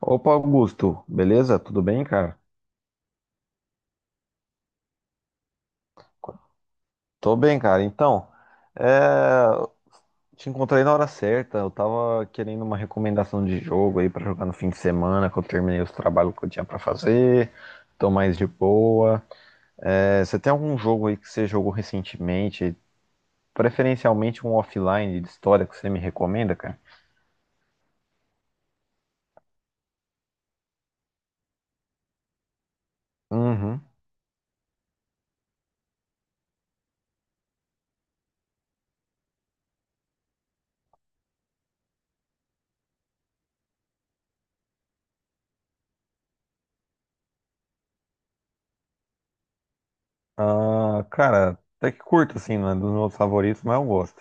Opa, Augusto, beleza? Tudo bem, cara? Tô bem, cara. Então, é, te encontrei na hora certa. Eu tava querendo uma recomendação de jogo aí pra jogar no fim de semana, que eu terminei os trabalhos que eu tinha pra fazer, tô mais de boa. É, você tem algum jogo aí que você jogou recentemente, preferencialmente um offline de história que você me recomenda, cara? Uhum. Ah, cara, até que curto, assim, não é dos meus favoritos, mas eu gosto.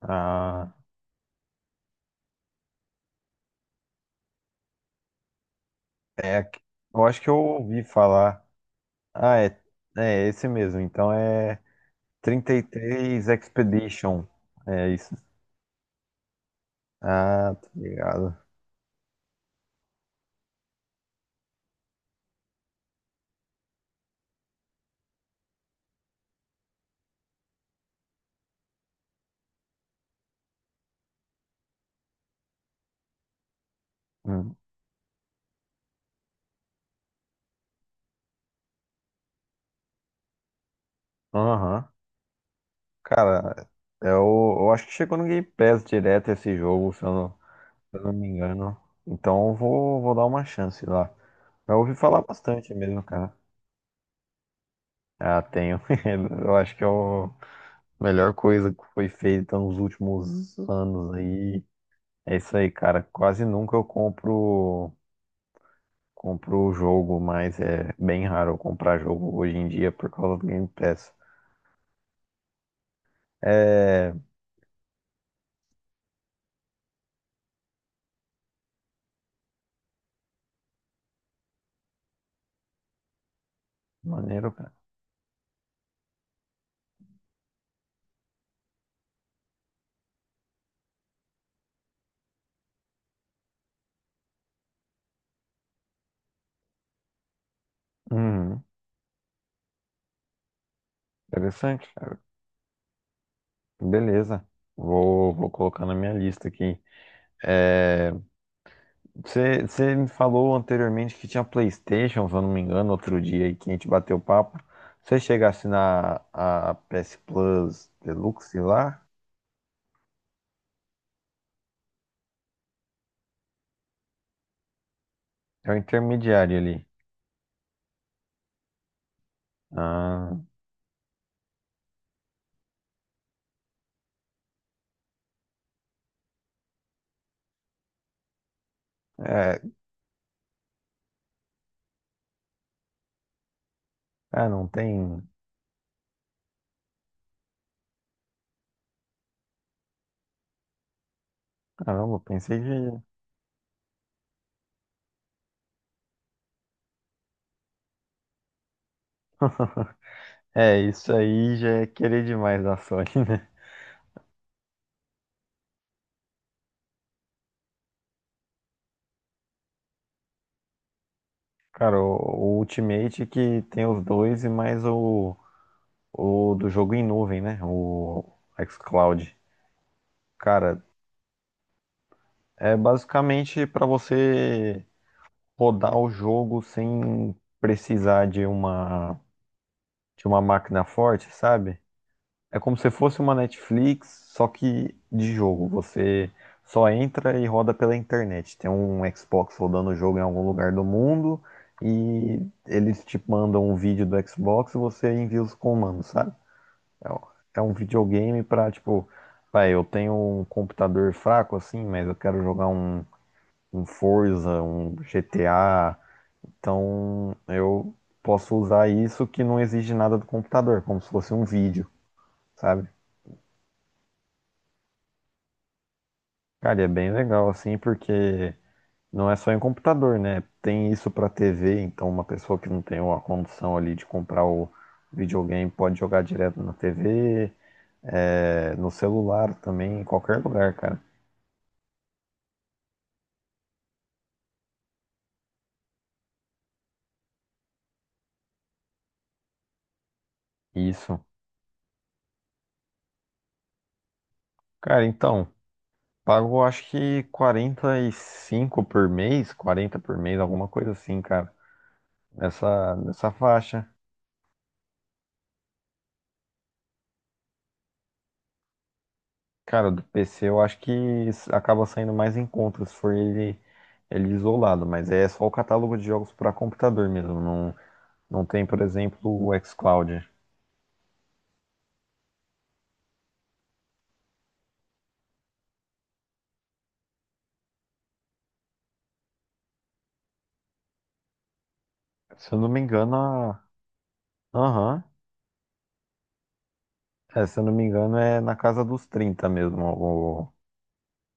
Ah, é, eu acho que eu ouvi falar. Ah, é, é esse mesmo. Então é 33 Expedition. É isso. Ah, tá ligado. Hum. Aham. Cara, eu acho que chegou no Game Pass direto esse jogo, se eu não, se eu não me engano. Então vou dar uma chance lá. Eu ouvi falar bastante mesmo, cara. Ah, tenho. Eu acho que é a melhor coisa que foi feita nos últimos anos aí. É isso aí, cara. Quase nunca eu compro. Compro o jogo, mas é bem raro eu comprar jogo hoje em dia por causa do Game Pass. É. Maneiro, cara. Uhum. Interessante, cara. Beleza. Vou colocar na minha lista aqui. É, você me falou anteriormente que tinha PlayStation, se eu não me engano, outro dia aí que a gente bateu papo. Você chegasse na a PS Plus Deluxe lá, é o intermediário ali. Ah, é, ah, não tem. Caramba, eu pensei que é, isso aí já é querer demais da Sony, né? Cara, o Ultimate que tem os dois e mais o do jogo em nuvem, né? O xCloud. Cara, é basicamente pra você rodar o jogo sem precisar de uma, de uma máquina forte, sabe? É como se fosse uma Netflix, só que de jogo. Você só entra e roda pela internet. Tem um Xbox rodando o jogo em algum lugar do mundo e eles te mandam um vídeo do Xbox e você envia os comandos, sabe? É um- é um videogame pra, tipo, vai, eu tenho um computador fraco assim, mas eu quero jogar um Forza, um GTA, então eu posso usar isso que não exige nada do computador, como se fosse um vídeo, sabe? Cara, e é bem legal assim, porque não é só em computador, né? Tem isso pra TV, então uma pessoa que não tem uma condição ali de comprar o videogame pode jogar direto na TV, é, no celular também, em qualquer lugar, cara. Isso. Cara, então, pago acho que 45 por mês, 40 por mês, alguma coisa assim, cara. Nessa faixa. Cara, do PC eu acho que acaba saindo mais em conta se for ele, ele isolado, mas é só o catálogo de jogos para computador mesmo. Não, não tem, por exemplo, o xCloud. Se eu não me engano, a... aham. É, se eu não me engano, é na casa dos 30 mesmo.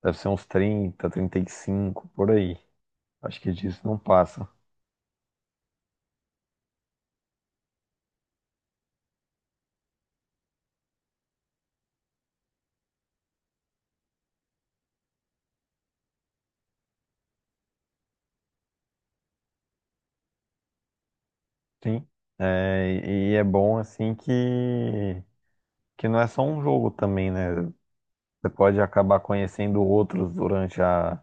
Deve ser uns 30 35 por aí. Acho que disso não passa. Sim. É, e é bom assim que não é só um jogo também, né? Você pode acabar conhecendo outros durante a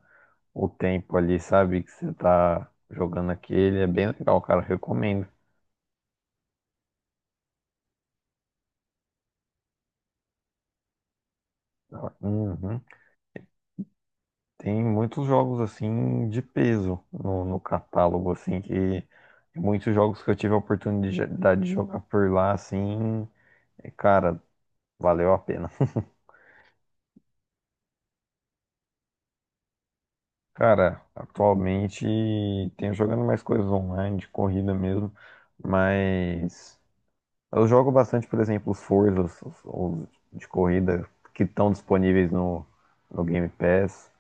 o tempo ali, sabe? Que você tá jogando aquele. É bem legal, cara. Recomendo. Uhum. Tem muitos jogos assim de peso no, no catálogo, assim, que muitos jogos que eu tive a oportunidade de jogar por lá, assim, é, cara, valeu a pena. Cara, atualmente tenho jogando mais coisas online, de corrida mesmo, mas eu jogo bastante, por exemplo, os Forzas, os de corrida que estão disponíveis no, no Game Pass.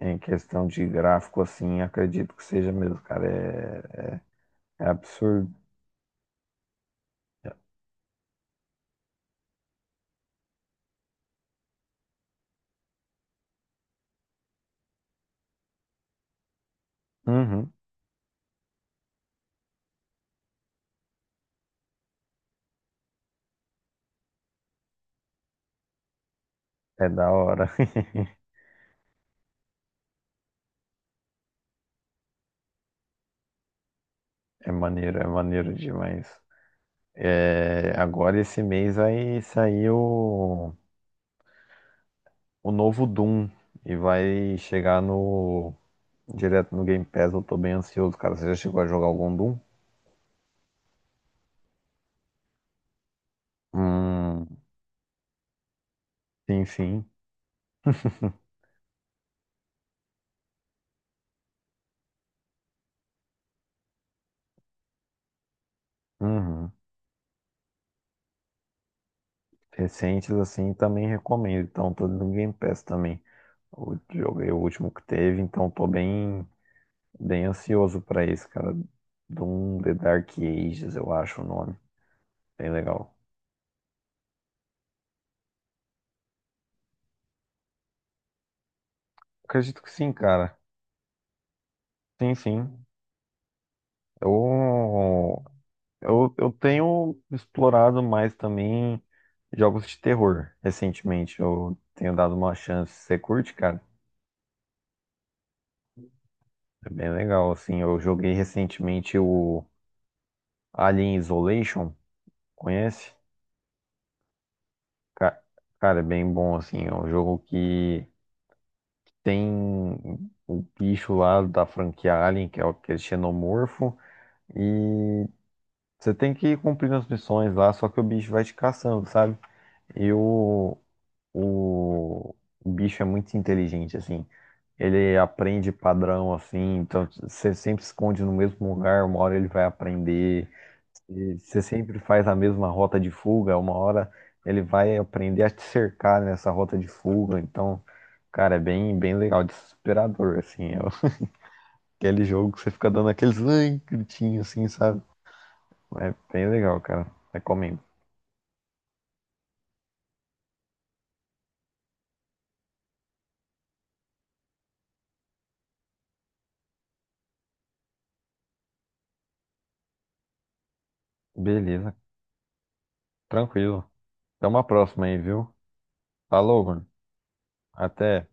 Em questão de gráfico, assim, acredito que seja mesmo, cara. É, é absurdo. Uhum, é da hora. É maneiro demais. É, agora esse mês vai sair o novo Doom e vai chegar no direto no Game Pass. Eu tô bem ansioso, cara. Você já chegou a jogar algum Doom? Hum, sim, sim. Uhum. Recentes assim também recomendo. Então, tô no Game Pass também. Eu joguei o último que teve, então tô bem bem ansioso pra esse, cara. Doom The Dark Ages, eu acho o nome. Bem legal. Acredito que sim, cara. Sim, sim. Eu, eu tenho explorado mais também jogos de terror recentemente. Eu tenho dado uma chance. Você curte, cara? É bem legal, assim. Eu joguei recentemente o Alien Isolation. Conhece? Ca- Cara, é bem bom, assim. É um jogo que tem o bicho lá da franquia Alien, que é que é xenomorfo, e você tem que ir cumprindo as missões lá, só que o bicho vai te caçando, sabe? E o, o bicho é muito inteligente, assim. Ele aprende padrão, assim, então você sempre esconde no mesmo lugar, uma hora ele vai aprender. E você sempre faz a mesma rota de fuga, uma hora ele vai aprender a te cercar nessa rota de fuga. Então, cara, é bem legal, desesperador, assim. É aquele jogo que você fica dando aqueles "Ai", gritinhos, assim, sabe? É bem legal, cara. Recomendo. Beleza, tranquilo. Até uma próxima aí, viu? Falou, mano. Até.